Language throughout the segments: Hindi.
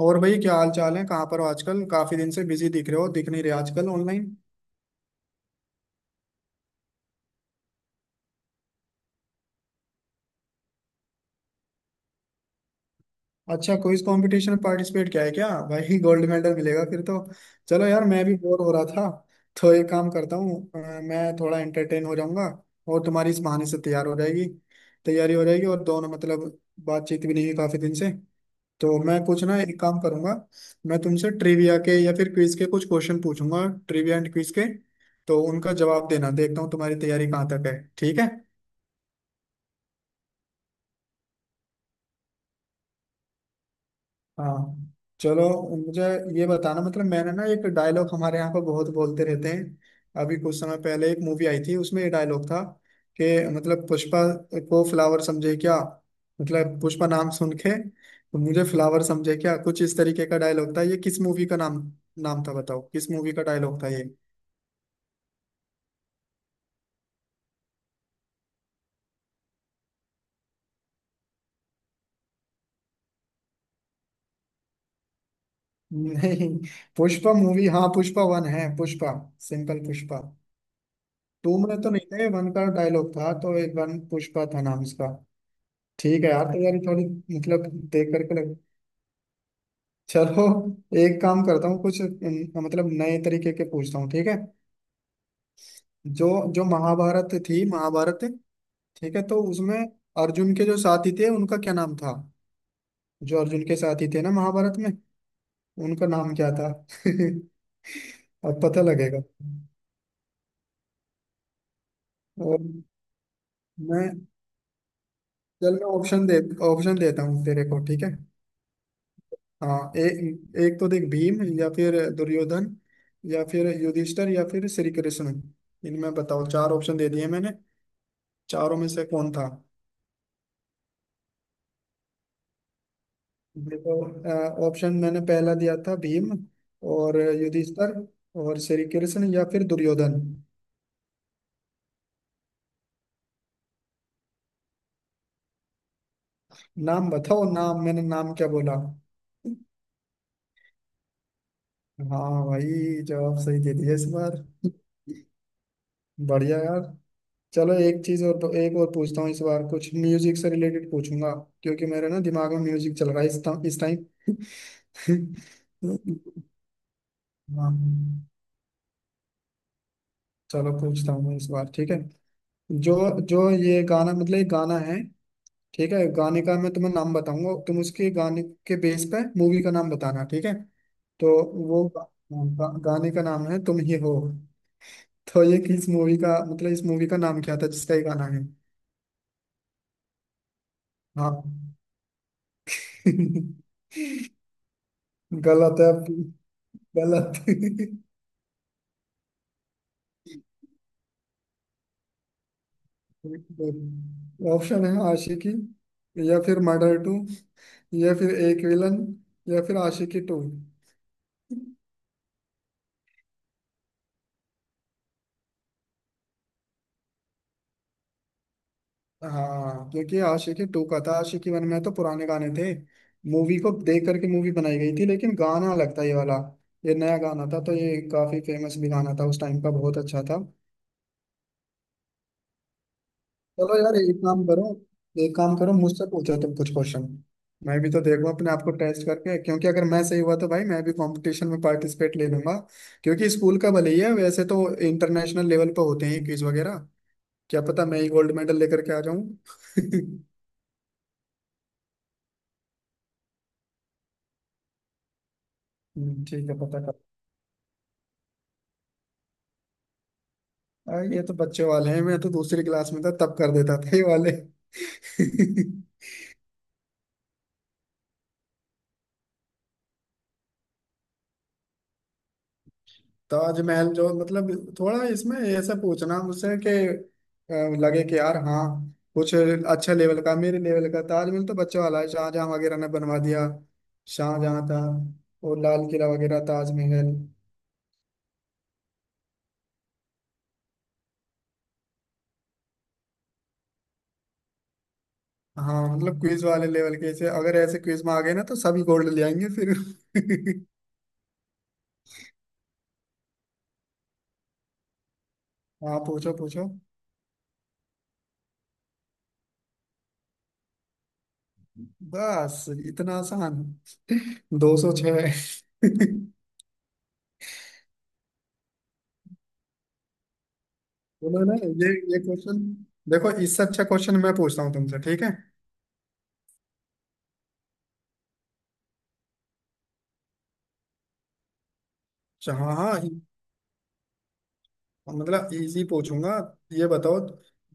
और भाई क्या हाल चाल है? कहाँ पर हो आजकल? काफी दिन से बिजी दिख रहे हो, दिख नहीं रहे आजकल ऑनलाइन। अच्छा, क्विज कंपटीशन में पार्टिसिपेट किया है क्या? भाई गोल्ड मेडल मिलेगा फिर तो। चलो यार, मैं भी बोर हो रहा था तो एक काम करता हूँ। मैं थोड़ा एंटरटेन हो जाऊंगा और तुम्हारी इस बहाने से तैयार हो जाएगी, तैयारी हो जाएगी। और दोनों मतलब बातचीत भी नहीं हुई काफी दिन से, तो मैं कुछ ना एक काम करूंगा। मैं तुमसे ट्रिविया के या फिर क्विज के कुछ क्वेश्चन पूछूंगा, ट्रिविया एंड क्विज के। तो उनका जवाब देना, देखता हूँ तुम्हारी तैयारी कहाँ तक है। ठीक है? हाँ, चलो। मुझे ये बताना, मतलब मैंने ना एक डायलॉग हमारे यहाँ पर बहुत बोलते रहते हैं, अभी कुछ समय पहले एक मूवी आई थी उसमें ये डायलॉग था कि मतलब पुष्पा को फ्लावर समझे क्या, मतलब पुष्पा नाम सुन के तो मुझे फ्लावर समझे क्या, कुछ इस तरीके का डायलॉग था। ये किस मूवी का नाम नाम था बताओ, किस मूवी का डायलॉग था ये? नहीं, पुष्पा मूवी। हाँ पुष्पा वन है, पुष्पा, सिंपल पुष्पा। टू में तो नहीं था ये, वन का डायलॉग था, तो एक वन पुष्पा था नाम इसका। ठीक है यार। तो यार थोड़ी मतलब देख करके लग... चलो एक काम करता हूँ, कुछ मतलब नए तरीके के पूछता हूँ, ठीक है। जो जो महाभारत थी, महाभारत, ठीक है, तो उसमें अर्जुन के जो साथी थे उनका क्या नाम था? जो अर्जुन के साथी थे ना महाभारत में, उनका नाम क्या था? अब पता लगेगा। और मैं... चल मैं ऑप्शन दे, ऑप्शन देता हूँ तेरे को, ठीक है। हाँ एक एक तो देख, भीम या फिर दुर्योधन या फिर युधिष्ठिर या फिर श्री कृष्ण। इनमें बताओ, चार ऑप्शन दे दिए मैंने, चारों में से कौन था? देखो, ऑप्शन मैंने पहला दिया था भीम और युधिष्ठिर और श्री कृष्ण या फिर दुर्योधन। नाम बताओ, नाम मैंने नाम क्या बोला? हाँ भाई, जवाब सही दे दिया इस बार। बढ़िया यार। चलो एक चीज और, तो एक और पूछता हूँ इस बार। कुछ म्यूजिक से रिलेटेड पूछूंगा, क्योंकि मेरे ना दिमाग में म्यूजिक चल रहा है इस टाइम, इस टाइम। हाँ, चलो पूछता हूँ मैं इस बार, ठीक है। जो जो ये गाना, मतलब ये गाना है, ठीक है, गाने का मैं तुम्हें नाम बताऊंगा, तुम उसके गाने के बेस पे मूवी का नाम बताना, ठीक है। तो वो गाने का नाम है तुम ही हो। तो ये किस मूवी का, मतलब इस मूवी का नाम क्या था जिसका ये गाना है? हाँ। गलत है, गलत। ऑप्शन है आशिकी या फिर मर्डर टू या फिर एक विलन या फिर आशिकी टू। हाँ क्योंकि आशिकी टू का था। आशिकी वन में तो पुराने गाने थे, मूवी को देख करके मूवी बनाई गई थी, लेकिन गाना लगता है ये वाला, ये नया गाना था, तो ये काफी फेमस भी गाना था उस टाइम का, बहुत अच्छा था। चलो यार, एक काम करो, मुझसे पूछो तुम कुछ क्वेश्चन, मैं भी तो देखूं अपने आप को टेस्ट करके। क्योंकि अगर मैं सही हुआ तो भाई मैं भी कंपटीशन में पार्टिसिपेट ले लूंगा। क्योंकि स्कूल का भले ही है, वैसे तो इंटरनेशनल लेवल पर होते हैं क्विज वगैरह। क्या पता मैं ही गोल्ड मेडल लेकर के आ जाऊं। ठीक है, पता कर। आ, ये तो बच्चे वाले हैं, मैं तो दूसरी क्लास में था तब कर देता था ये वाले। ताजमहल जो मतलब थोड़ा इसमें ऐसा पूछना मुझसे कि अ, लगे कि यार हाँ कुछ अच्छा लेवल का, मेरे लेवल का। ताजमहल तो बच्चों वाला है, शाहजहां वगैरह ने बनवा दिया, शाहजहां था। और लाल किला वगैरह, ताजमहल। हाँ मतलब क्विज वाले लेवल के, ऐसे अगर ऐसे क्विज में आ गए ना तो सभी गोल्ड ले आएंगे फिर। हाँ, पूछो पूछो। बस इतना आसान? 206। बोलो ना, ये क्वेश्चन देखो, इससे अच्छा क्वेश्चन मैं पूछता हूँ तुमसे, ठीक है। अच्छा, हाँ हाँ, मतलब इजी पूछूंगा। ये बताओ,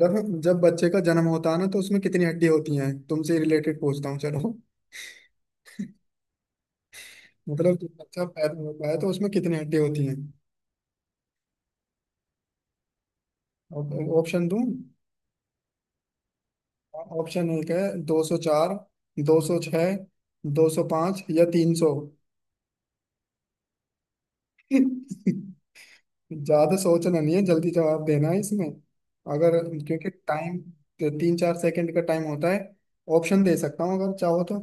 जब जब बच्चे का जन्म होता है ना, तो उसमें कितनी हड्डी होती हैं? तुमसे रिलेटेड पूछता हूँ चलो, मतलब जब बच्चा पैदा होता है तो उसमें कितनी हड्डी होती हैं? ऑप्शन दूं? ऑप्शन एक है 204, 206, 205 या 300। ज्यादा सोचना नहीं है, जल्दी जवाब देना है इसमें। अगर... क्योंकि टाइम, तीन चार सेकंड का टाइम होता है, ऑप्शन दे सकता हूँ अगर चाहो तो।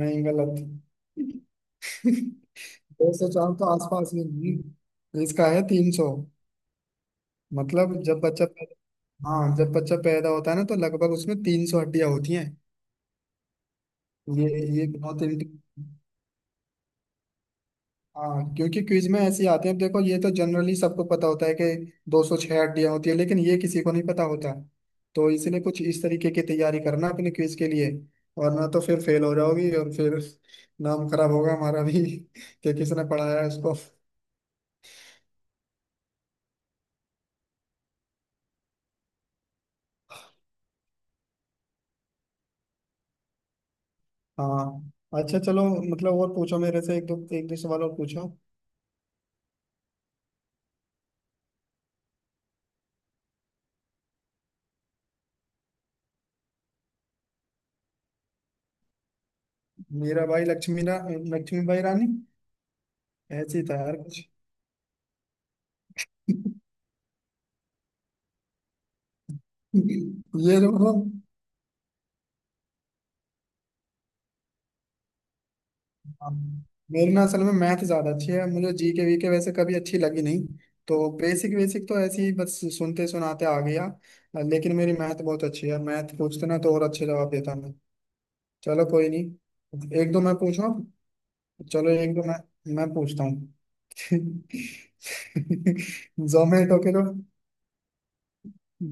नहीं, गलत। दो सौ चार तो आसपास ही है। तो इसका है 300। मतलब जब बच्चा पैदा... हाँ, जब बच्चा पैदा होता है ना तो लगभग उसमें 300 हड्डियां होती हैं। ये ये बहुत इंट- हाँ क्योंकि क्विज में ऐसे ही आते हैं। देखो, ये तो जनरली सबको पता होता है कि 206 हड्डियां होती है, लेकिन ये किसी को नहीं पता होता, तो इसलिए कुछ इस तरीके की तैयारी करना अपने क्विज के लिए, वरना तो फिर फेल हो जाओगी और फिर नाम खराब होगा हमारा भी। कि किसने पढ़ाया है उसको। हाँ। अच्छा चलो, मतलब और पूछो मेरे से, एक दो, एक दो सवाल और पूछो। मेरा भाई, लक्ष्मी भाई रानी। ऐसे ही था यार कुछ। ये जो मतलब हाँ, मेरी ना असल में मैथ ज्यादा अच्छी है, मुझे जी के वी के वैसे कभी अच्छी लगी नहीं। तो बेसिक बेसिक तो ऐसे ही बस सुनते सुनाते आ गया। लेकिन मेरी मैथ बहुत अच्छी है, मैथ पूछते ना तो और अच्छे जवाब देता मैं। चलो कोई नहीं, एक दो मैं पूछूं। चलो एक दो मैं पूछता हूँ। जोमेटो के जो...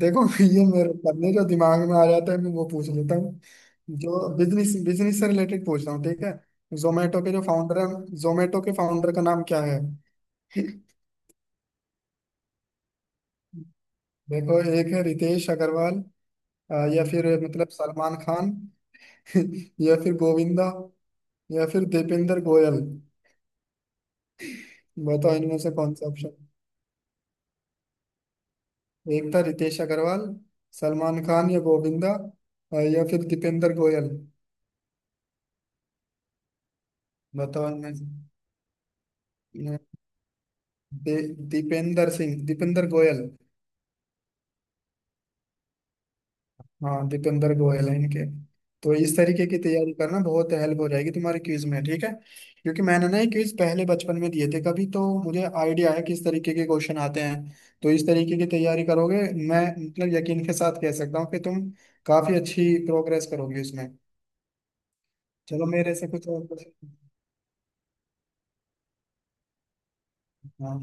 देखो ये मेरे पन्ने जो दिमाग में आ जाता है मैं वो पूछ लेता हूँ। जो बिजनेस बिजनेस से रिलेटेड पूछ रहा हूँ, ठीक है। जोमेटो के जो फाउंडर है, जोमेटो के फाउंडर का नाम क्या है? देखो एक है रितेश अग्रवाल, या फिर मतलब सलमान खान या फिर गोविंदा या फिर दीपेंद्र गोयल। बताओ इनमें से कौन सा ऑप्शन? एक था रितेश अग्रवाल, सलमान खान या गोविंदा, या फिर दीपेंद्र गोयल। बताओ इनमें से। दीपेंद्र सिंह, दीपेंद्र गोयल। हाँ दीपेंद्र गोयल है इनके। तो इस तरीके की तैयारी करना बहुत हेल्प हो जाएगी तुम्हारे क्विज में, ठीक है। क्योंकि मैंने ना ये क्विज पहले बचपन में दिए थे कभी, तो मुझे आइडिया है किस तरीके के क्वेश्चन आते हैं। तो इस तरीके की तैयारी करोगे, मैं मतलब यकीन के साथ कह सकता हूँ कि तुम काफी अच्छी प्रोग्रेस करोगे उसमें। चलो मेरे से कुछ और हाँ।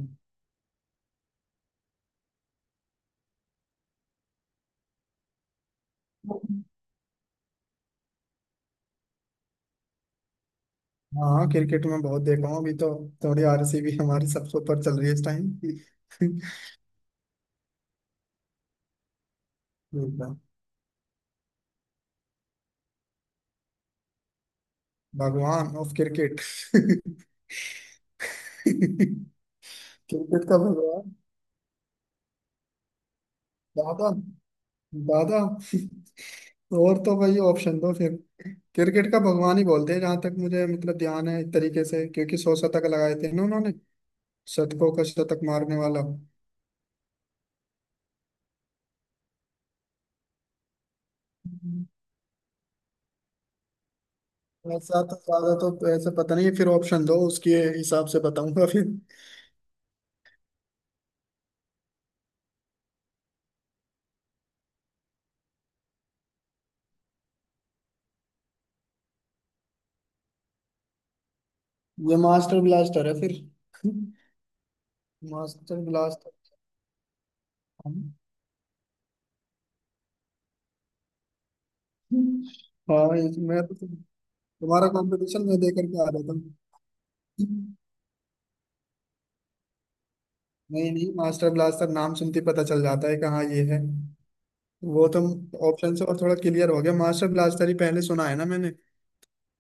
हाँ क्रिकेट में बहुत देखा हूँ, अभी तो थोड़ी आरसीबी हमारी सबसे ऊपर चल रही है इस टाइम। भगवान ऑफ क्रिकेट। क्रिकेट का भगवान। दादा, दादा। और तो भाई ऑप्शन दो फिर। क्रिकेट का भगवान ही बोलते हैं जहां तक मुझे मतलब ध्यान है, एक तरीके से, क्योंकि 100 शतक लगाए थे ना उन्होंने, शतकों का शतक मारने वाला। ऐसा तो ज्यादा तो ऐसे पता नहीं है, फिर ऑप्शन दो उसके हिसाब से बताऊंगा फिर। ये मास्टर ब्लास्टर है फिर, मास्टर ब्लास्टर। हाँ इसमें तो तुम्हारा कंपटीशन मैं देख करके आ रहा था। नहीं नहीं, मास्टर ब्लास्टर नाम सुनते ही पता चल जाता है कहाँ ये है। वो तो ऑप्शन से और थोड़ा क्लियर हो गया, मास्टर ब्लास्टर ही पहले सुना है ना मैंने,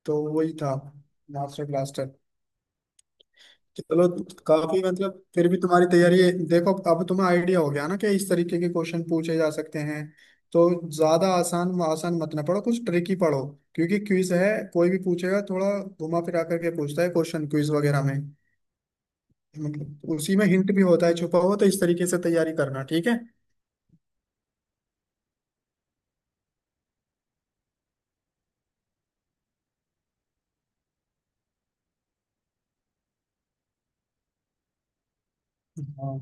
तो वही था मास्टर ब्लास्टर। चलो काफी मतलब फिर भी तुम्हारी तैयारी है। देखो अब तुम्हें आइडिया हो गया ना कि इस तरीके के क्वेश्चन पूछे जा सकते हैं। तो ज्यादा आसान आसान मत ना पढ़ो, कुछ ट्रिकी पढ़ो। क्योंकि क्विज है, कोई भी पूछेगा थोड़ा घुमा फिरा करके पूछता है क्वेश्चन, क्विज वगैरह में मतलब उसी में हिंट भी होता है छुपा हुआ। तो इस तरीके से तैयारी करना, ठीक है। हाँ।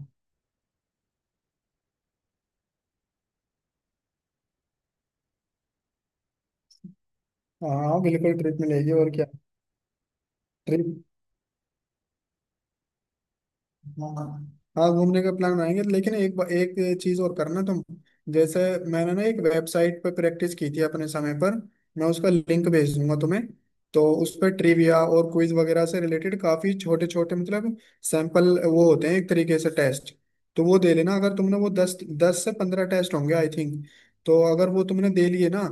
हाँ हाँ, बिल्कुल ट्रिप मिलेगी और क्या। ट्रिप, हाँ, हाँ घूमने का प्लान बनाएंगे। लेकिन एक चीज और करना तुम, जैसे मैंने ना एक वेबसाइट पर प्रैक्टिस की थी अपने समय पर, मैं उसका लिंक भेज दूंगा तुम्हें। तो उस पर ट्रिविया और क्विज वगैरह से रिलेटेड काफी छोटे छोटे मतलब सैंपल वो होते हैं, एक तरीके से टेस्ट। तो वो दे लेना, अगर तुमने वो दस 10 से 15 टेस्ट होंगे आई थिंक। तो अगर वो तुमने दे लिए ना,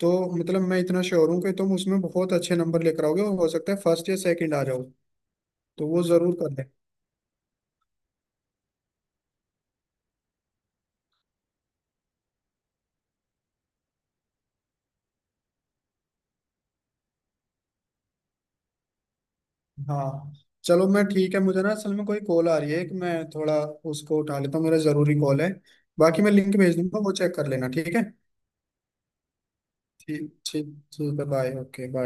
तो मतलब मैं इतना श्योर हूँ कि तुम उसमें बहुत अच्छे नंबर लेकर आओगे, और हो सकता है फर्स्ट या सेकंड आ जाओ। तो वो जरूर कर लेंगे। हाँ चलो मैं, ठीक है, मुझे ना असल में कोई कॉल आ रही है, एक मैं थोड़ा उसको उठा लेता हूँ, मेरा जरूरी कॉल है। बाकी मैं लिंक भेज दूंगा, वो चेक कर लेना, ठीक है। ठीक, ठीक। ठीक है बाय, ओके बाय।